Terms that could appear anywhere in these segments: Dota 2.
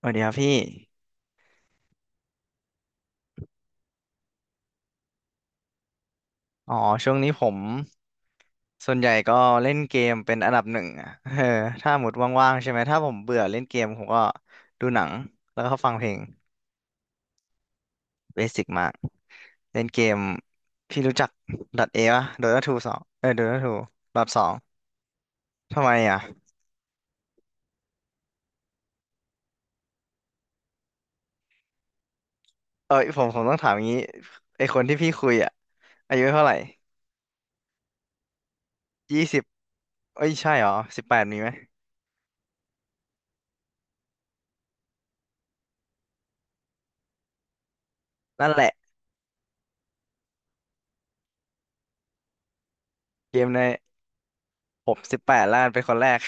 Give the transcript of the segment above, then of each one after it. สวัสดีครับพี่ อ๋อช่วงนี้ผมส่วนใหญ่ก็เล่นเกมเป็นอันดับหนึ่งอ่ะ เออถ้าหมดว่างๆใช่ไหมถ้าผมเบื่อเล่นเกมผมก็ดูหนังแล้วก็ฟังเพลงเบสิกมากเล่นเกมพี่รู้จัก .A ป่ะ Dota ทูสองDota 2รอบสองทำไมอ่ะเอ้ยผมต้องถามอย่างนี้ไอคนที่พี่คุยอ่ะอายุเท่าไหร่ยี่สิบเอ้ยใช่เหรอสิบแปดมีไหมนั่นแหละเกมในผมสิบแปดล้านเป็นคนแรก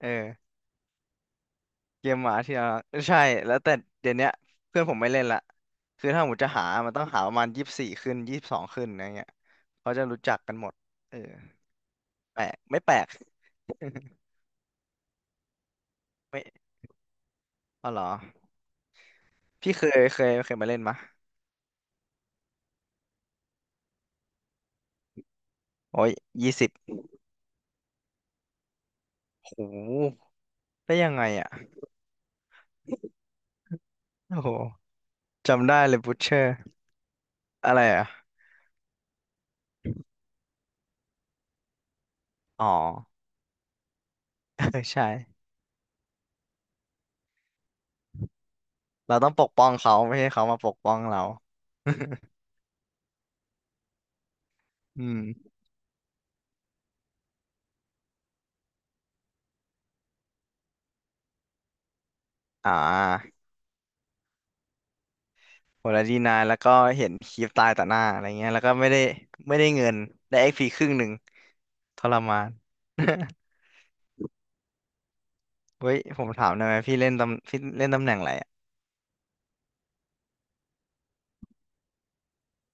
เออ เกมหมาที่เราใช่แล้วแต่เดี๋ยวเนี้ยเพื่อนผมไม่เล่นละคือถ้าผมจะหา มันต้องหาประมาณยี่สิบสี่ขึ้นยี่สิบสองขึ้นอะไรเงี้ยเขาจะรู้จักกันหมดเออแปลกไม่แปลกไม่อ๋อเหรอพี่เคยมาเล่นมะโอ้ยยี่สิบโหได้ยังไงอ่ะโอ้โหจำได้เลยบูชเชอร์อะไรอ่ะอ๋อ เออใช่เราต้องปกป้องเขาไม่ให้เขามาปกป้องเรา อืมอ่า โหแล้วดีนายแล้วก็เห็นคลิปตายต่อหน้าอะไรเงี้ยแล้วก็ไม่ได้ไม่ได้เงินได้เอ็กพีครึ่งหนึ่งทรมาน เฮ้ยผมถามหน่อยไหมพี่เล่นตำพี่เล่นตำแหน่งอะไรอะ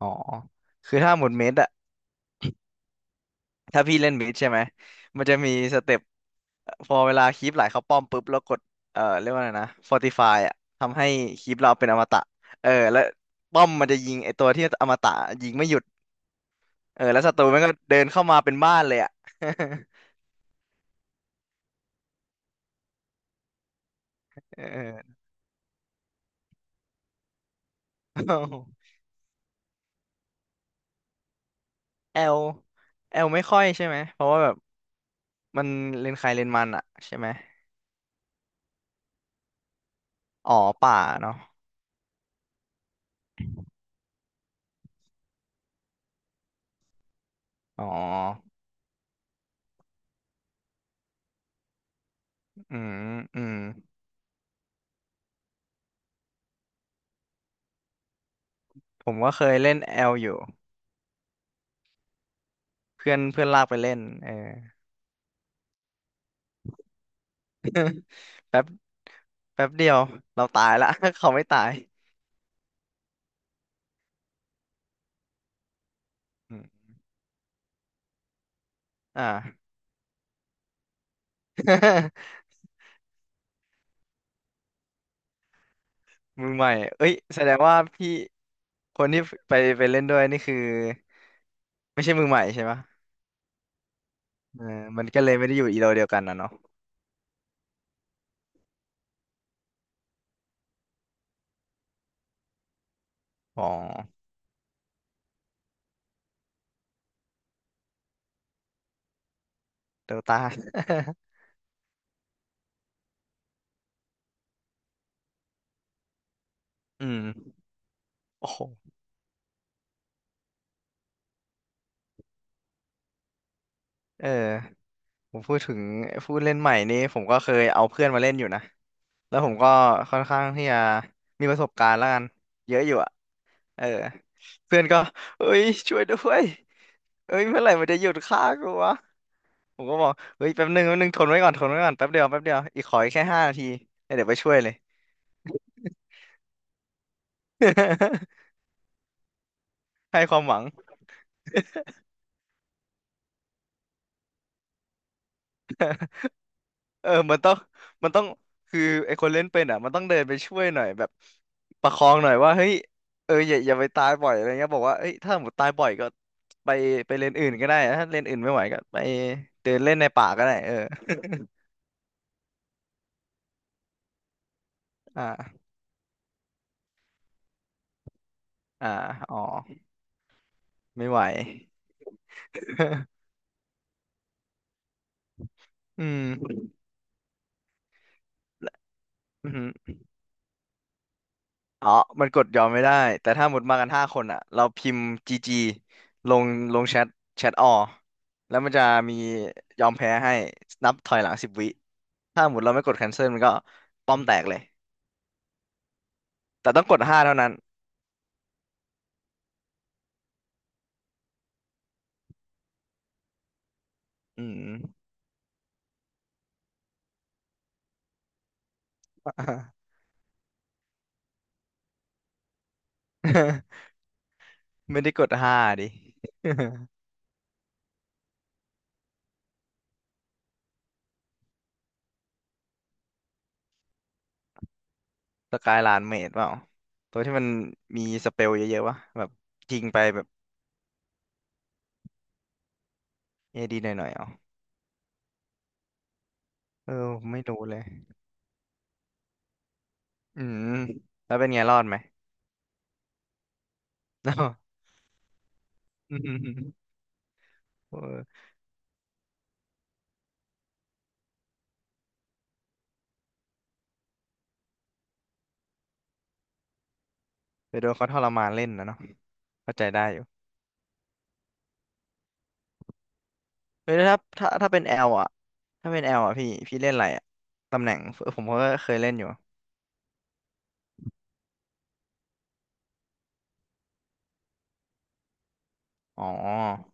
อ๋อคือถ้าหมดเม็ดอะถ้าพี่เล่นเม็ดใช่ไหมมันจะมีสเต็ปพอเวลาคลิปไหลเข้าป้อมปุ๊บแล้วกดเรียกว่าอะไรนะ Fortify อะทำให้คลิปเราเป็นอมตะเออแล้วป้อมมันจะยิงไอตัวที่อมตะยิงไม่หยุดเออแล้วศัตรูมันก็เดินเข้ามาเป็นบ้านเลยอะ เออ แอลแอลไม่ค่อยใช่ไหมเพราะว่าแบบมันเลนใครเลนมันอะใช่ไหมอ๋อป่าเนาะอ๋ออืมอืมผมก็เคยเล่นแอลอยู่เพื่อนเพื่อนลากไปเล่นเออแป๊บแป๊บเดียวเราตายละ เขาไม่ตายอืมอ่า มือใหม่เอ้ยแสดงว่าพี่คนที่ไปไปเล่นด้วยนี่คือไม่ใช่มือใหม่ใช่ปะเออมันก็เลยไม่ได้อยู่อีโรเดียวกันนะเนาะอ๋อเดต้า อืมโอ้โหเออ ผมพูดถึงผู้เล่นใหม่นี้ผมก็เคยเอาเพื่อนมาเล่นอยู่นะแล้วผมก็ค่อนข้างที่จะมีประสบการณ์แล้วกันเยอะอยู่อะเออเพื่อนก็เอ้ยช่วยด้วยเอ้ยเมื่อไหร่มันจะหยุดฆ่ากูวะผมก็บอกเฮ้ยแป๊บนึงทนไว้ก่อนแป๊บเดียวอีกขออีกแค่ห้านาทีแล้วเดี๋ยวไปช่วยเลย ให้ความหวัง เออมันต้อง คือไอคนเล่นเป็นอ่ะมันต้องเดินไปช่วยหน่อยแบบ ประคองหน่อยว่า เฮ้ยเอออย่าไปตายบ่อยอะไรเงี้ยบอกว่าเอ้ยถ้าหมดตายบ่อยก็ไปไปเลนอื่นก็ได้นะถ้าเลนอื่นไม่ไหวก็ไปเดินเล่นในป่าก็ได้เอออ่าอ่าอ๋อไม่ไหว อืมอืมออ๋อมันกดยอมไม่ได้แต่ถ้าหมดมากันห้าคนอ่ะเราพิมพ์จีจีลงลงแชทแชทออแล้วมันจะมียอมแพ้ให้นับถอยหลังสิบวิ ถ้าหมดเราไม่กด cancel มันก็ป้อมแตกเลยแต่ต้องกดห้าเท่านั้นอืม ไม่ได้กดห้าดิสกายลานเมดเปล่าตัวที่มันมีสเปลเยอะๆวะแบบยิงไปแบบเอดีหน่อยๆเอาเออไม่รู้เลยอืมแล้วเป็นไงรอดไหมเนาะ อืมเออไปโดนเขาทรมานเล่นนะเนาะเข้าใจได้อยู่เฮ้ยแล้วถ้าเป็นแอลอ่ะถ้าเป็นแอลอ่ะพี่เล่นอะไรอ่ะตำแหน่งผมก็เคยเล่นอยู่อ๋อ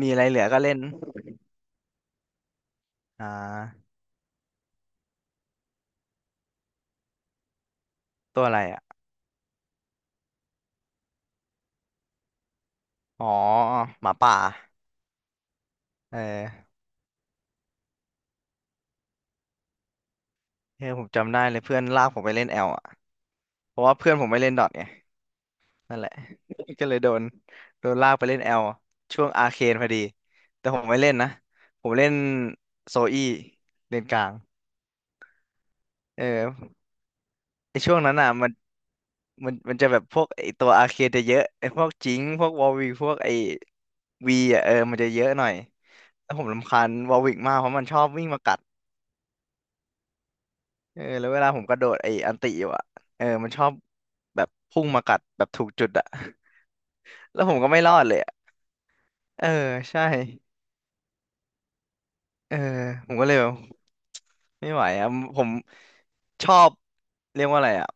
มีอะไรเหลือก็เล่น อ่าตัวอะไรอ่ะอ๋อหมาป่าเออเออผมจำได้เลยเพื่อนลากผมไปเล่นแอลอ่ะเพราะว่าเพื่อนผมไม่เล่นดอทไงนั่นแหละ ก็เลยโดนโดนลากไปเล่นแอลช่วงอาร์เคนพอดีแต่ผมไม่เล่นนะผมเล่นโซอี้เลนกลางเออไอช่วงนั้นอ่ะมันมันจะแบบพวกไอตัวอาร์เคนจะเยอะไอพวกจิงค์พวกวอลวิกพวกไอวีอ่ะเออมันจะเยอะหน่อยแล้วผมรำคาญวอลวิกมากเพราะมันชอบวิ่งมากัด เออแล้วเวลาผมกระโดดไอ้อันติอยู่อะเออมันชอบแบบพุ่งมากัดแบบถูกจุดอะ แล้วผมก็ไม่รอดเลยอะเออใช่เออผมก็เลยแบบไม่ไหวอะผมชอบเรียกว่าอะไรอะ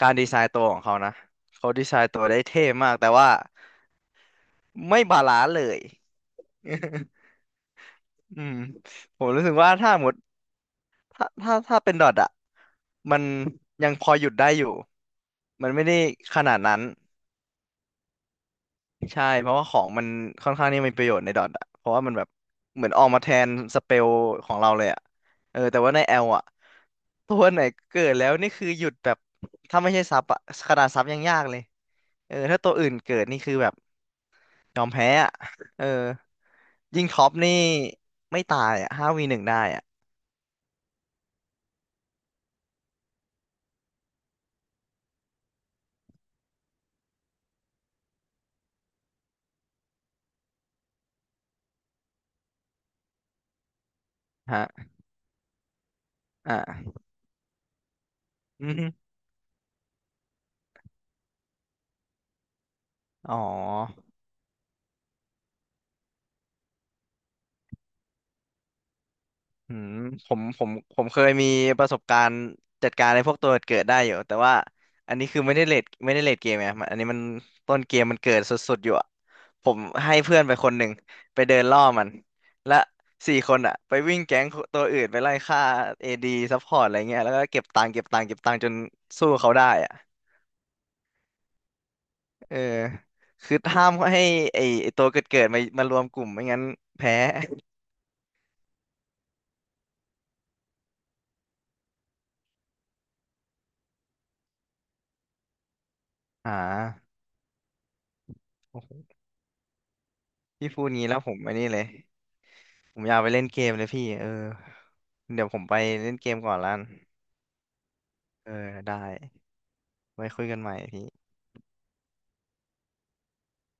การดีไซน์ตัวของเขานะเขาดีไซน์ตัวได้เท่มากแต่ว่าไม่บาลานซ์เลย อืมผมรู้สึกว่าถ้าหมดถ้าเป็นดอทอะมันยังพอหยุดได้อยู่มันไม่ได้ขนาดนั้น ใช่เพราะว่าของมันค่อนข้างนี่มีประโยชน์ในดอทอะเพราะว่ามันแบบเหมือนออกมาแทนสเปลของเราเลยอะเออแต่ว่าในแอลอะตัวไหนเกิดแล้วนี่คือหยุดแบบถ้าไม่ใช่ซับอะขนาดซับยังยากเลยเออถ้าตัวอื่นเกิดนี่คือแบบยอมแพ้อะเออยิงท็อปนี่ไม่ตายอะห้าวีหนึ่งได้อะฮะอ่าอมอ๋อ อืมผมผมผมเคยมีประสบการณ์จัดการในพวกตัวเกิดได้อยู่แต่ว่าอันนี้คือไม่ได้เลทไม่ได้เลทเกมไงมันอันนี้มันต้นเกมมันเกิดสุดๆอยู่อะผมให้เพื่อนไปคนหนึ่งไปเดินล่อมันและสี่คนอะไปวิ่งแก๊งตัวอื่นไปไล่ฆ่าเอดีซัพพอร์ตอะไรเงี้ยแล้วก็เก็บตังค์เก็บตังค์เก็บตังค์จนสู้เขาได้อะเออคือห้ามให้ไอตัวเกิดมามารวมกลุ่มไม่งั้นแพ้อ่าโอ้โหพี่พูดงี้แล้วผมอันนี้เลย ผมอยากไปเล่นเกมเลยพี่เออเดี๋ยวผมไปเล่นเกมก่อนละกันเออได้ไว้คุยกันใหม่พี่